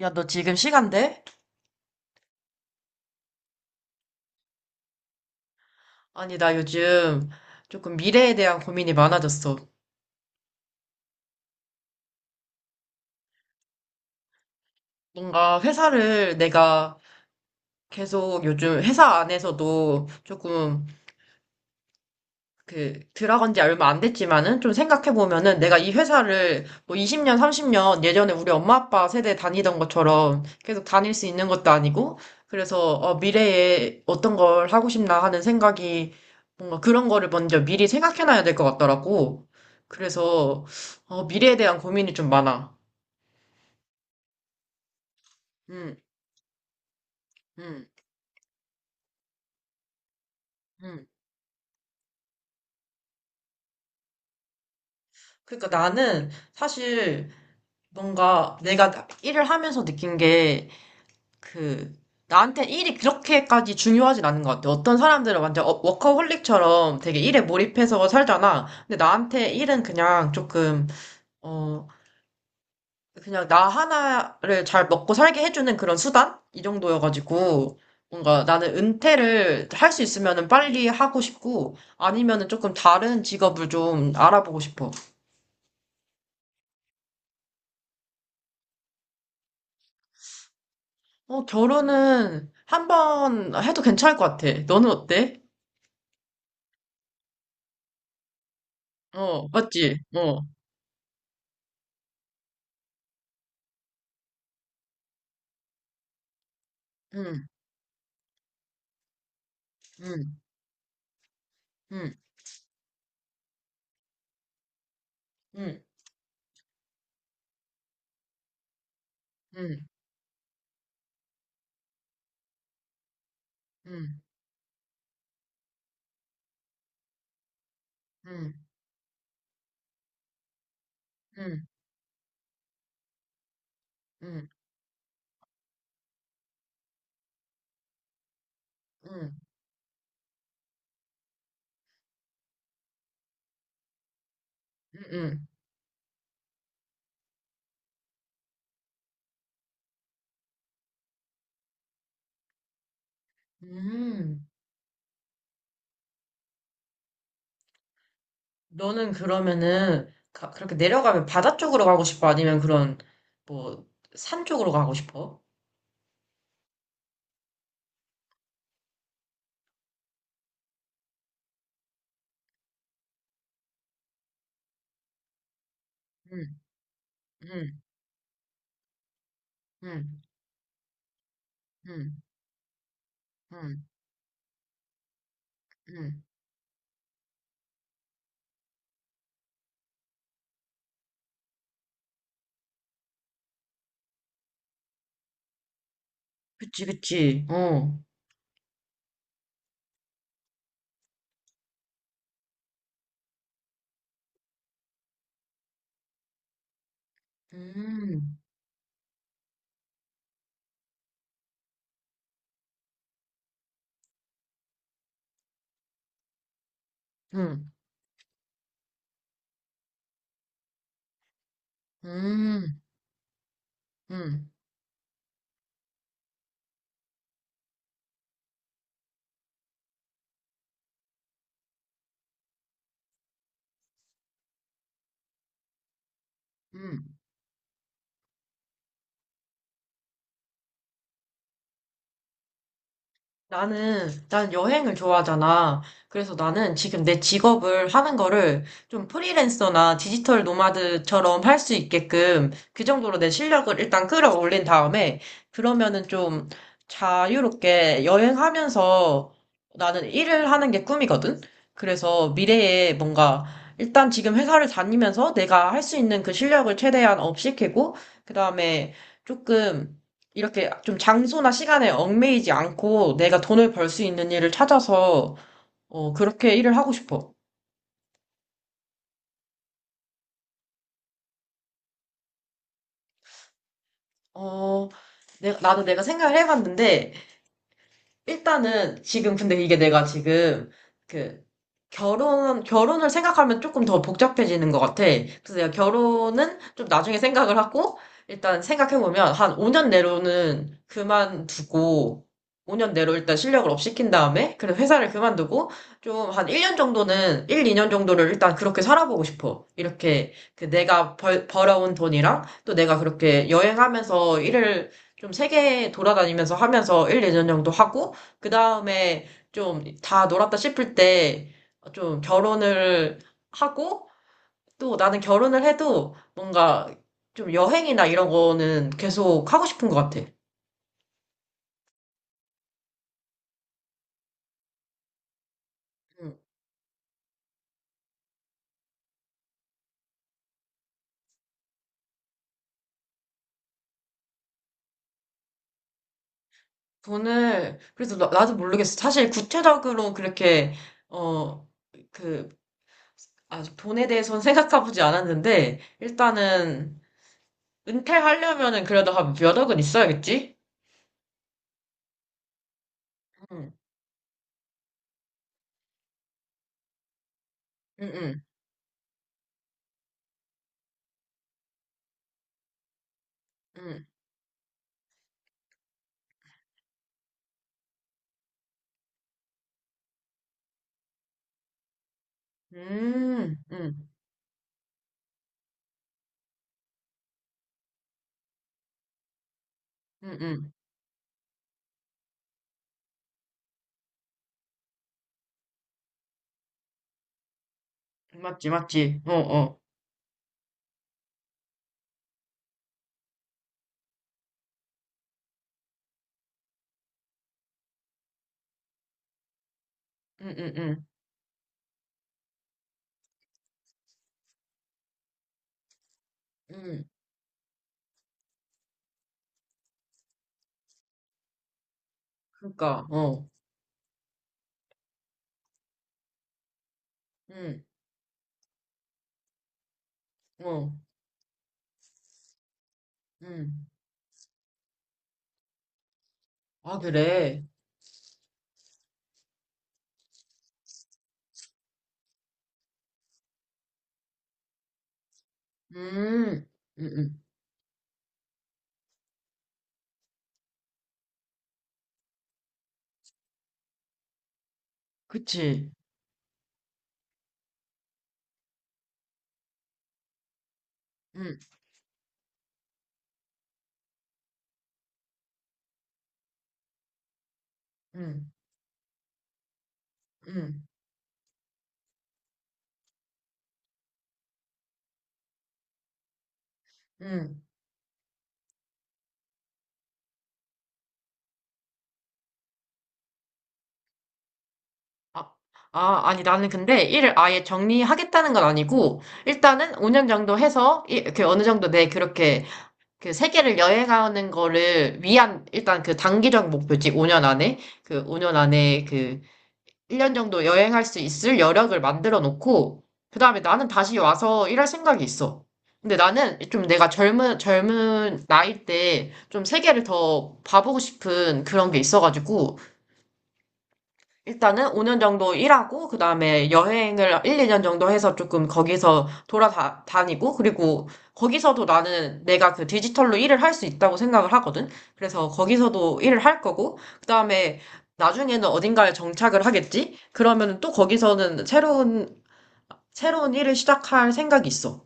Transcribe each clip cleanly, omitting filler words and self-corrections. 야, 너 지금 시간 돼? 아니, 나 요즘 조금 미래에 대한 고민이 많아졌어. 뭔가 회사를 내가 계속 요즘 회사 안에서도 조금 그 들어간 지 얼마 안 됐지만은 좀 생각해 보면은 내가 이 회사를 뭐 20년, 30년 예전에 우리 엄마 아빠 세대 다니던 것처럼 계속 다닐 수 있는 것도 아니고 그래서 미래에 어떤 걸 하고 싶나 하는 생각이 뭔가 그런 거를 먼저 미리 생각해 놔야 될 것 같더라고. 그래서 미래에 대한 고민이 좀 많아. 음, 음, 음. 그러니까 나는 사실 뭔가 내가 일을 하면서 느낀 게 그, 나한테 일이 그렇게까지 중요하진 않은 것 같아. 어떤 사람들은 완전 워커홀릭처럼 되게 일에 몰입해서 살잖아. 근데 나한테 일은 그냥 어, 그냥 나 하나를 잘 먹고 살게 해주는 그런 수단? 이 정도여가지고, 뭔가 나는 은퇴를 할 수 있으면은 빨리 하고 싶고, 아니면은 조금 다른 직업을 좀 알아보고 싶어. 어, 결혼은 한번 해도 괜찮을 것 같아. 너는 어때? 어, 맞지? 어, 응, 응. 응. 응, 응, 응, 응, 응, 응, 응, 응, 응. 음. 너는 그러면은 그렇게 내려가면 바다 쪽으로 가고 싶어? 아니면 그런 뭐 산 쪽으로 가고 싶어? 응, 응, 응, 응, 응, 응. 그치, 그치. 어. 음, 응, 음, 응, 응. 난 여행을 좋아하잖아. 그래서 나는 지금 내 직업을 하는 거를 좀 프리랜서나 디지털 노마드처럼 할 수 있게끔 그 정도로 내 실력을 일단 끌어올린 다음에 그러면은 좀 자유롭게 여행하면서 나는 일을 하는 게 꿈이거든? 그래서 미래에 뭔가 일단 지금 회사를 다니면서 내가 할 수 있는 그 실력을 최대한 업시키고 그 다음에 조금 이렇게 좀 장소나 시간에 얽매이지 않고 내가 돈을 벌 수 있는 일을 찾아서 그렇게 일을 하고 싶어. 어, 나도 내가 생각을 해봤는데 일단은 지금 근데 이게 내가 지금 그 결혼을 생각하면 조금 더 복잡해지는 것 같아. 그래서 내가 결혼은 좀 나중에 생각을 하고 일단 생각해보면 한 5년 내로는 그만두고 5년 내로 일단 실력을 업 시킨 다음에 그래 회사를 그만두고 좀 한 1년 정도는 1, 2년 정도를 일단 그렇게 살아보고 싶어. 이렇게 그 내가 벌어온 돈이랑 또 내가 그렇게 여행하면서 일을 좀 세계 돌아다니면서 하면서 1, 2년 정도 하고 그 다음에 좀 다 놀았다 싶을 때 좀 결혼을 하고 또 나는 결혼을 해도 뭔가 좀 여행이나 이런 거는 계속 하고 싶은 것 같아. 음, 그래서 나, 도 모르겠어. 사실 구체적으로 그렇게, 어, 그, 아, 돈에 대해서는 생각해보지 않았는데, 일단은 은퇴하려면은 그래도 한 몇 억은 있어야겠지? 응, 응, 응, 응, 응, 응, 응, 응. 맞지, 맞지. 어, 어. 응응응. 응. 응, 응. 그러니까 어. 응. 어. 응. 아 그래. 음. 응응. 그치. 응. 응. 응. 응. 아, 아니 나는 근데 일을 아예 정리하겠다는 건 아니고 일단은 5년 정도 해서 이렇게 어느 정도 내 그렇게 그 세계를 여행하는 거를 위한 일단 그 단기적 목표지 5년 안에 그 오 년 안에 그 1년 정도 여행할 수 있을 여력을 만들어 놓고, 그 다음에 나는 다시 와서 일할 생각이 있어. 근데 나는 좀 내가 젊은 나이 때 좀 세계를 더 봐보고 싶은 그런 게 있어가지고, 일단은 5년 정도 일하고 그다음에 여행을 1, 2년 정도 해서 조금 거기서 돌아다니고 그리고 거기서도 나는 내가 그 디지털로 일을 할 수 있다고 생각을 하거든. 그래서 거기서도 일을 할 거고 그다음에 나중에는 어딘가에 정착을 하겠지? 그러면 또 거기서는 새로운 일을 시작할 생각이 있어.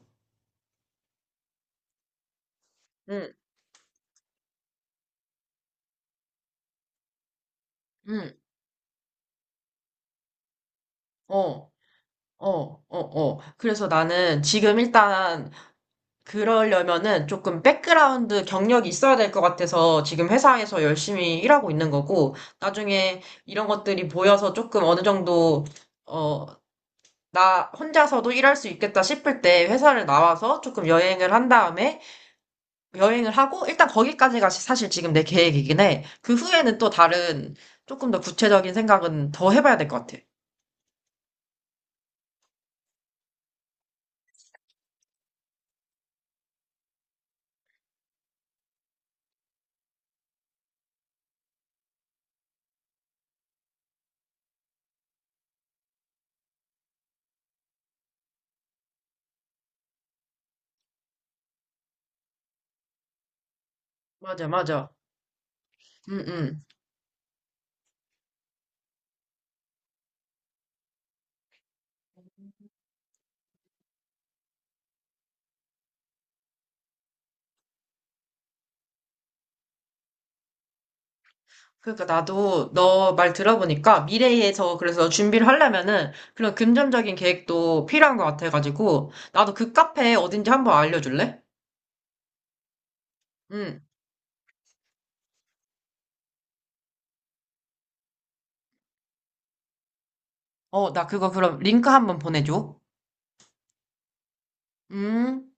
응, 응. 어. 어, 어, 어. 그래서 나는 지금 일단 그러려면은 조금 백그라운드 경력이 있어야 될 것 같아서 지금 회사에서 열심히 일하고 있는 거고, 나중에 이런 것들이 보여서 조금 어느 정도, 어, 나 혼자서도 일할 수 있겠다 싶을 때 회사를 나와서 조금 여행을 한 다음에 여행을 하고, 일단 거기까지가 사실 지금 내 계획이긴 해. 그 후에는 또 다른 조금 더 구체적인 생각은 더 해봐야 될 것 같아. 맞아, 맞아. 응, 응. 그러니까 나도 너 말 들어보니까 미래에 그래서 준비를 하려면은 그런 금전적인 계획도 필요한 것 같아가지고 나도 그 카페 어딘지 한번 알려줄래? 응. 어, 나 그거 그럼 링크 한번 보내줘. 음.